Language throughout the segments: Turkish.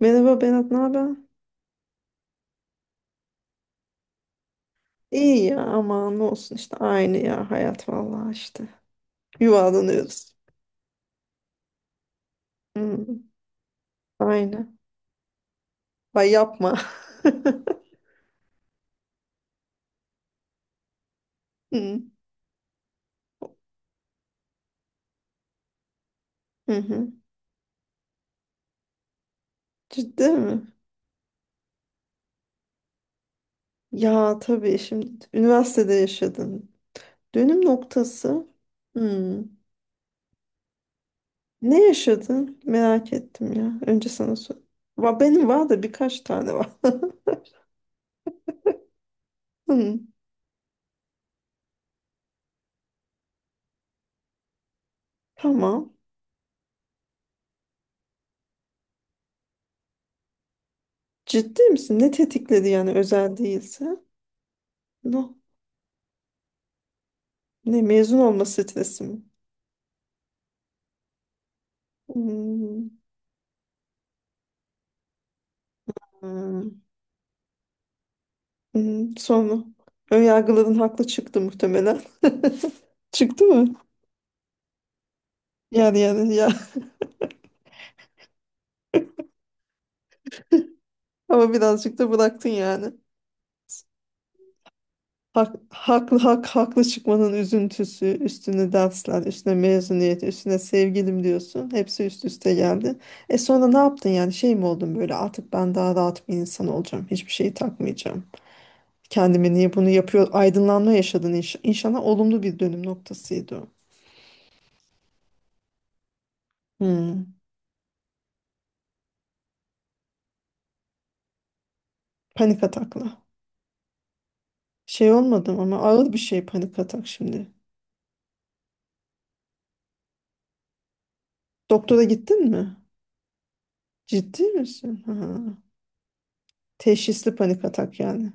Merhaba Berat, ne haber? İyi ya aman ne olsun işte aynı ya hayat vallahi işte. Yuvarlanıyoruz. Hı, aynen. Ay yapma. Hı, hı hı. Ciddi mi? Ya tabii şimdi üniversitede yaşadın. Dönüm noktası. Hı. Ne yaşadın? Merak ettim ya. Önce sana sor. Benim var da birkaç tane var. Hı, tamam. Ciddi misin? Ne tetikledi yani özel değilse? No. Ne mezun olma stresi mi? Hmm, Hmm. Sonra önyargıların haklı çıktı muhtemelen. Çıktı mı? Yani ya. Ama birazcık da bıraktın yani. Haklı çıkmanın üzüntüsü, üstüne dersler, üstüne mezuniyet, üstüne sevgilim diyorsun. Hepsi üst üste geldi. E sonra ne yaptın yani? Şey mi oldun böyle, artık ben daha rahat bir insan olacağım. Hiçbir şeyi takmayacağım. Kendime niye bunu yapıyor? Aydınlanma yaşadın, inşallah olumlu bir dönüm noktasıydı o. Hmm, Panik atakla. Şey olmadım ama ağır bir şey panik atak şimdi. Doktora gittin mi? Ciddi misin? Ha. Teşhisli panik atak yani.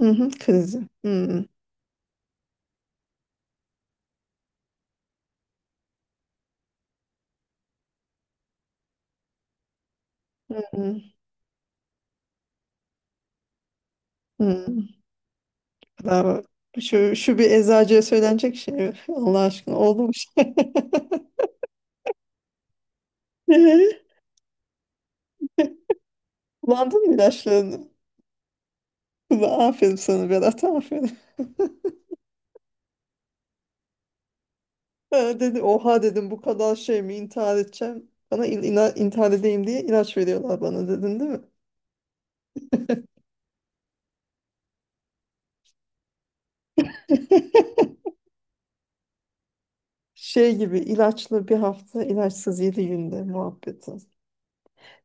Hı hı, krizi. Hı hı, hı. Bravo. Şu bir eczacıya söylenecek şey. Allah aşkına oldu bir şey. Ee, Kullandın mı ilaçlarını? Ulan, aferin sana Berat, aferin. Ben dedi, oha dedim, bu kadar şey mi, intihar edeceğim. Bana intihar edeyim diye ilaç veriyorlar bana dedin değil mi? Şey gibi, ilaçlı bir hafta, ilaçsız 7 günde muhabbeti.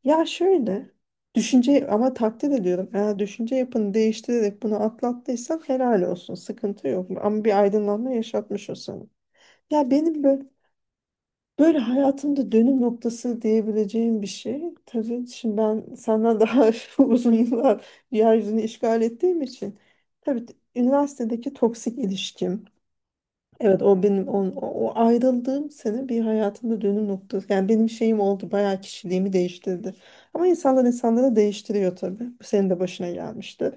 Ya şöyle, düşünce ama takdir ediyorum. Eğer düşünce yapını değiştirerek bunu atlattıysan helal olsun. Sıkıntı yok. Ama bir aydınlanma yaşatmış o sana. Ya benim böyle, hayatımda dönüm noktası diyebileceğim bir şey. Tabii şimdi ben senden daha uzun yıllar yeryüzünü işgal ettiğim için. Tabii üniversitedeki toksik ilişkim. Evet, o benim o ayrıldığım sene bir hayatımda dönüm noktası. Yani benim şeyim oldu, bayağı kişiliğimi değiştirdi. Ama insanlar insanları değiştiriyor tabii. Bu senin de başına gelmiştir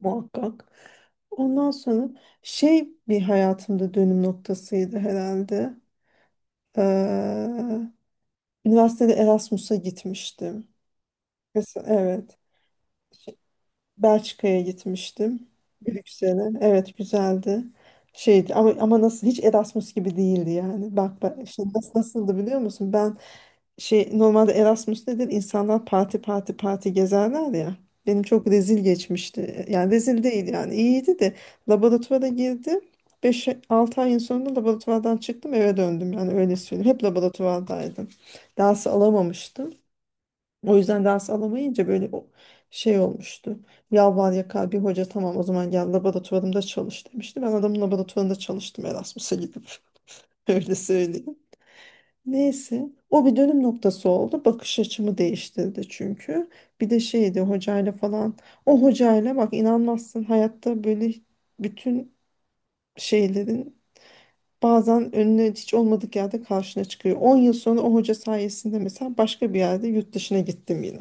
muhakkak. Ondan sonra şey bir hayatımda dönüm noktasıydı herhalde. Ee, üniversitede Erasmus'a gitmiştim. Mesela evet. Belçika'ya gitmiştim. Brüksel'e. Evet, güzeldi. Şeydi ama nasıl hiç Erasmus gibi değildi yani. Bak bak, işte nasıldı biliyor musun? Ben şey, normalde Erasmus nedir? İnsanlar parti parti parti gezerler ya. Benim çok rezil geçmişti. Yani rezil değil, yani iyiydi de, laboratuvara girdim. Beş 6 ayın sonunda laboratuvardan çıktım, eve döndüm, yani öyle söyleyeyim. Hep laboratuvardaydım. Dersi alamamıştım. O yüzden ders alamayınca böyle o şey olmuştu. Yalvar yakar bir hoca, tamam o zaman gel laboratuvarımda çalış demişti. Ben adamın laboratuvarında çalıştım Erasmus'a gidip, öyle söyleyeyim. Neyse o bir dönüm noktası oldu. Bakış açımı değiştirdi çünkü. Bir de şeydi hocayla falan. O hocayla, bak, inanmazsın, hayatta böyle bütün şeylerin bazen önüne, hiç olmadık yerde karşına çıkıyor. 10 yıl sonra o hoca sayesinde mesela başka bir yerde yurt dışına gittim yine.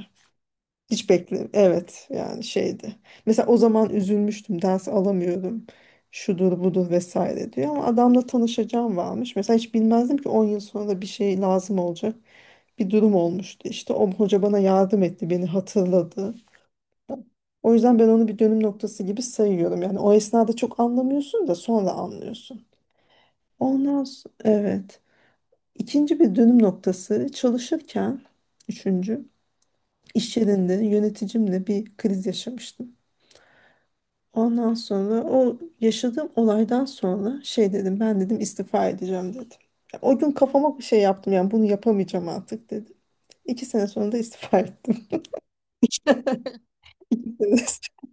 Hiç bekle. Evet, yani şeydi. Mesela o zaman üzülmüştüm. Ders alamıyorum. Şudur budur vesaire diyor. Ama adamla tanışacağım varmış. Mesela hiç bilmezdim ki 10 yıl sonra da bir şey lazım olacak. Bir durum olmuştu. İşte o hoca bana yardım etti. Beni hatırladı. O yüzden ben onu bir dönüm noktası gibi sayıyorum. Yani o esnada çok anlamıyorsun da sonra anlıyorsun. Ondan sonra, evet. İkinci bir dönüm noktası çalışırken, üçüncü, iş yerinde yöneticimle bir kriz yaşamıştım. Ondan sonra o yaşadığım olaydan sonra şey dedim, ben dedim istifa edeceğim dedim. Ya o gün kafama bir şey yaptım, yani bunu yapamayacağım artık dedim. 2 sene sonra da istifa ettim. İki sene sonra-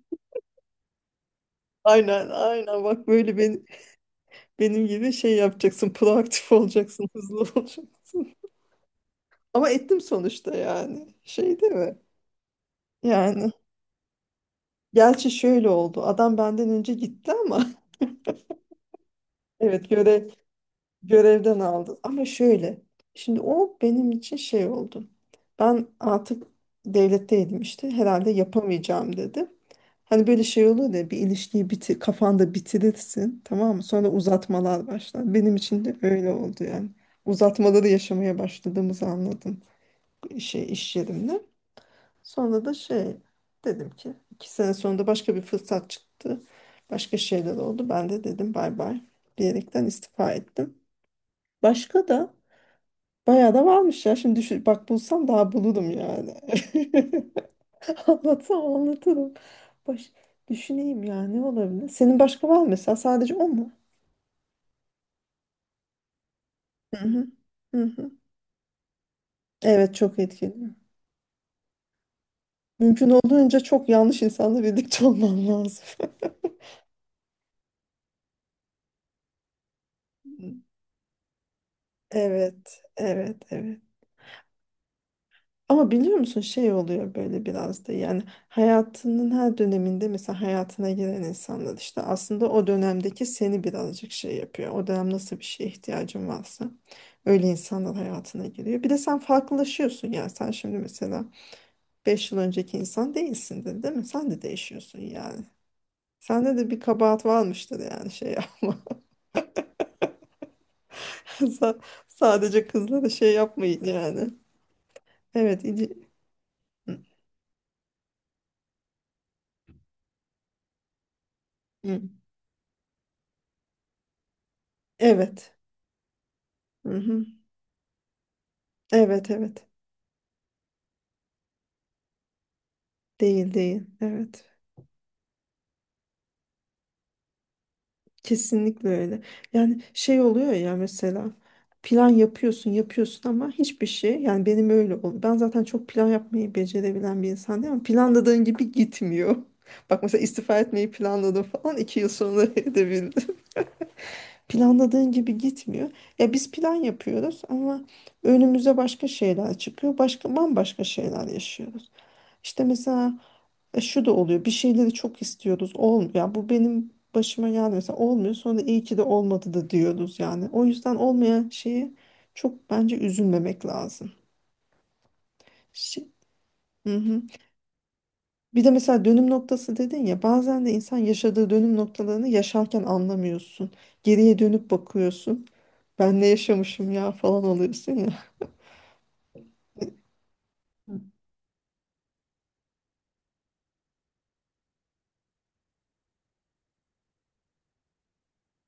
Aynen aynen, bak, böyle benim, gibi şey yapacaksın, proaktif olacaksın, hızlı olacaksın. Ama ettim sonuçta, yani şey değil mi? Yani gerçi şöyle oldu, adam benden önce gitti ama evet, görevden aldı. Ama şöyle. Şimdi o benim için şey oldu. Ben artık devletteydim işte. Herhalde yapamayacağım dedim. Hani böyle şey olur ya, bir ilişkiyi bitir, kafanda bitirirsin tamam mı? Sonra uzatmalar başlar. Benim için de öyle oldu yani. Uzatmaları yaşamaya başladığımızı anladım şey, iş yerimde. Sonra da şey dedim ki, 2 sene sonra başka bir fırsat çıktı. Başka şeyler oldu. Ben de dedim bay bay diyerekten istifa ettim. Başka da Bayağı da varmış ya. Şimdi düşün, bak bulsam daha bulurum yani. Anlatsam anlatırım. Baş, düşüneyim ya, ne olabilir? Senin başka var mı mesela? Sadece o mu? Hı hı. Hı hı. Evet, çok etkili. Mümkün olduğunca çok yanlış insanla birlikte olman lazım. Evet, evet, evet. Ama biliyor musun şey oluyor böyle biraz da, yani hayatının her döneminde mesela hayatına giren insanlar işte aslında o dönemdeki seni birazcık şey yapıyor. O dönem nasıl bir şeye ihtiyacın varsa öyle insanlar hayatına giriyor. Bir de sen farklılaşıyorsun, yani sen şimdi mesela 5 yıl önceki insan değilsin, değilsindir, değil mi? Sen de değişiyorsun yani. Sende de bir kabahat varmıştır yani, şey yapma. Sa- Sadece kızlara şey yapmayın yani. Evet. Hı, hı. Evet. Hı hı. Evet, evet. Değil değil. Evet. Kesinlikle öyle. Yani şey oluyor ya mesela, plan yapıyorsun yapıyorsun ama hiçbir şey, yani benim öyle oldu. Ben zaten çok plan yapmayı becerebilen bir insan değilim ama planladığın gibi gitmiyor. Bak mesela istifa etmeyi planladım falan, 2 yıl sonra edebildim. Planladığın gibi gitmiyor. Ya biz plan yapıyoruz ama önümüze başka şeyler çıkıyor. Başka bambaşka şeyler yaşıyoruz. İşte mesela şu da oluyor. Bir şeyleri çok istiyoruz. Olmuyor. Yani bu benim başıma geldi mesela, olmuyor. Sonra iyi ki de olmadı da diyoruz yani. O yüzden olmayan şeyi çok, bence üzülmemek lazım. Şi- hı hı. Bir de mesela dönüm noktası dedin ya, bazen de insan yaşadığı dönüm noktalarını yaşarken anlamıyorsun. Geriye dönüp bakıyorsun. Ben ne yaşamışım ya, falan oluyorsun ya.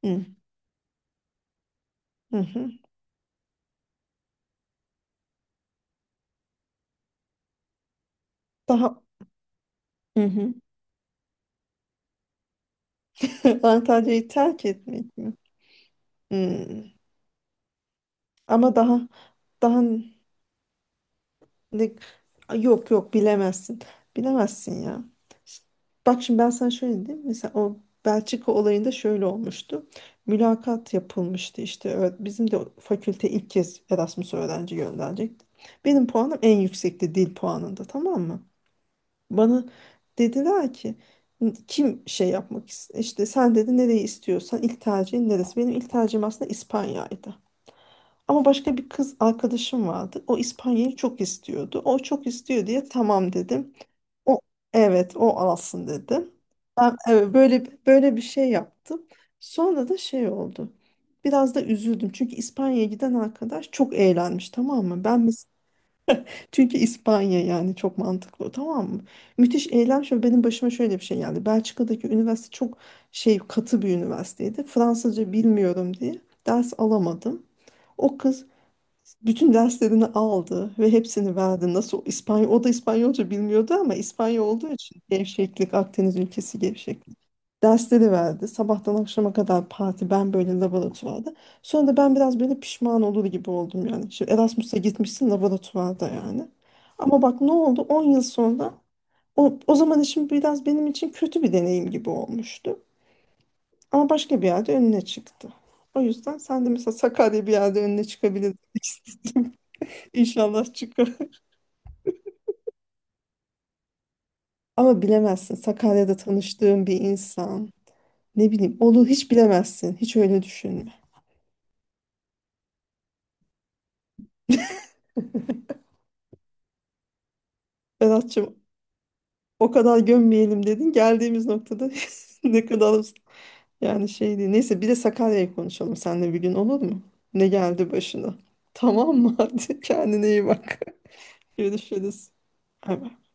Hı hı. Hı. Daha, hı hı. Antalya'yı terk etmek mi? Hı. Ama daha Ne- yok yok, bilemezsin. Bilemezsin ya. Bak şimdi ben sana şöyle diyeyim. Mesela o Belçika olayında şöyle olmuştu. Mülakat yapılmıştı işte. Evet, bizim de fakülte ilk kez Erasmus öğrenci gönderecekti. Benim puanım en yüksekti dil puanında, tamam mı? Bana dediler ki, kim şey yapmak istiyor? İşte, sen dedi, nereyi istiyorsan, ilk tercihin neresi? Benim ilk tercihim aslında İspanya'ydı. Ama başka bir kız arkadaşım vardı. O İspanya'yı çok istiyordu. O çok istiyor diye tamam dedim. O, evet, o alsın dedim. Ben evet, böyle böyle bir şey yaptım. Sonra da şey oldu. Biraz da üzüldüm. Çünkü İspanya'ya giden arkadaş çok eğlenmiş, tamam mı? Çünkü İspanya, yani çok mantıklı, tamam mı? Müthiş eğlenmiş ve benim başıma şöyle bir şey geldi. Belçika'daki üniversite çok şey, katı bir üniversiteydi. Fransızca bilmiyorum diye ders alamadım. O kız bütün derslerini aldı ve hepsini verdi. Nasıl İspanyol, o da İspanyolca bilmiyordu ama İspanyol olduğu için gevşeklik, Akdeniz ülkesi gevşeklik. Dersleri verdi. Sabahtan akşama kadar parti, ben böyle laboratuvarda. Sonra da ben biraz böyle pişman olur gibi oldum yani. Şimdi Erasmus'a gitmişsin, laboratuvarda yani. Ama bak ne oldu? 10 yıl sonra o zaman işim biraz benim için kötü bir deneyim gibi olmuştu. Ama başka bir yerde önüne çıktı. O yüzden sen de mesela, Sakarya bir yerde önüne çıkabilir. İnşallah çıkar. Ama bilemezsin. Sakarya'da tanıştığım bir insan. Ne bileyim, olur, hiç bilemezsin. Hiç öyle düşünme. Berat'cığım, o kadar gömmeyelim dedin. Geldiğimiz noktada ne kadar, yani şey değil. Neyse, bir de Sakarya'yı konuşalım seninle bir gün, olur mu? Ne geldi başına? Tamam mı? Hadi kendine iyi bak. Görüşürüz. Bay bay.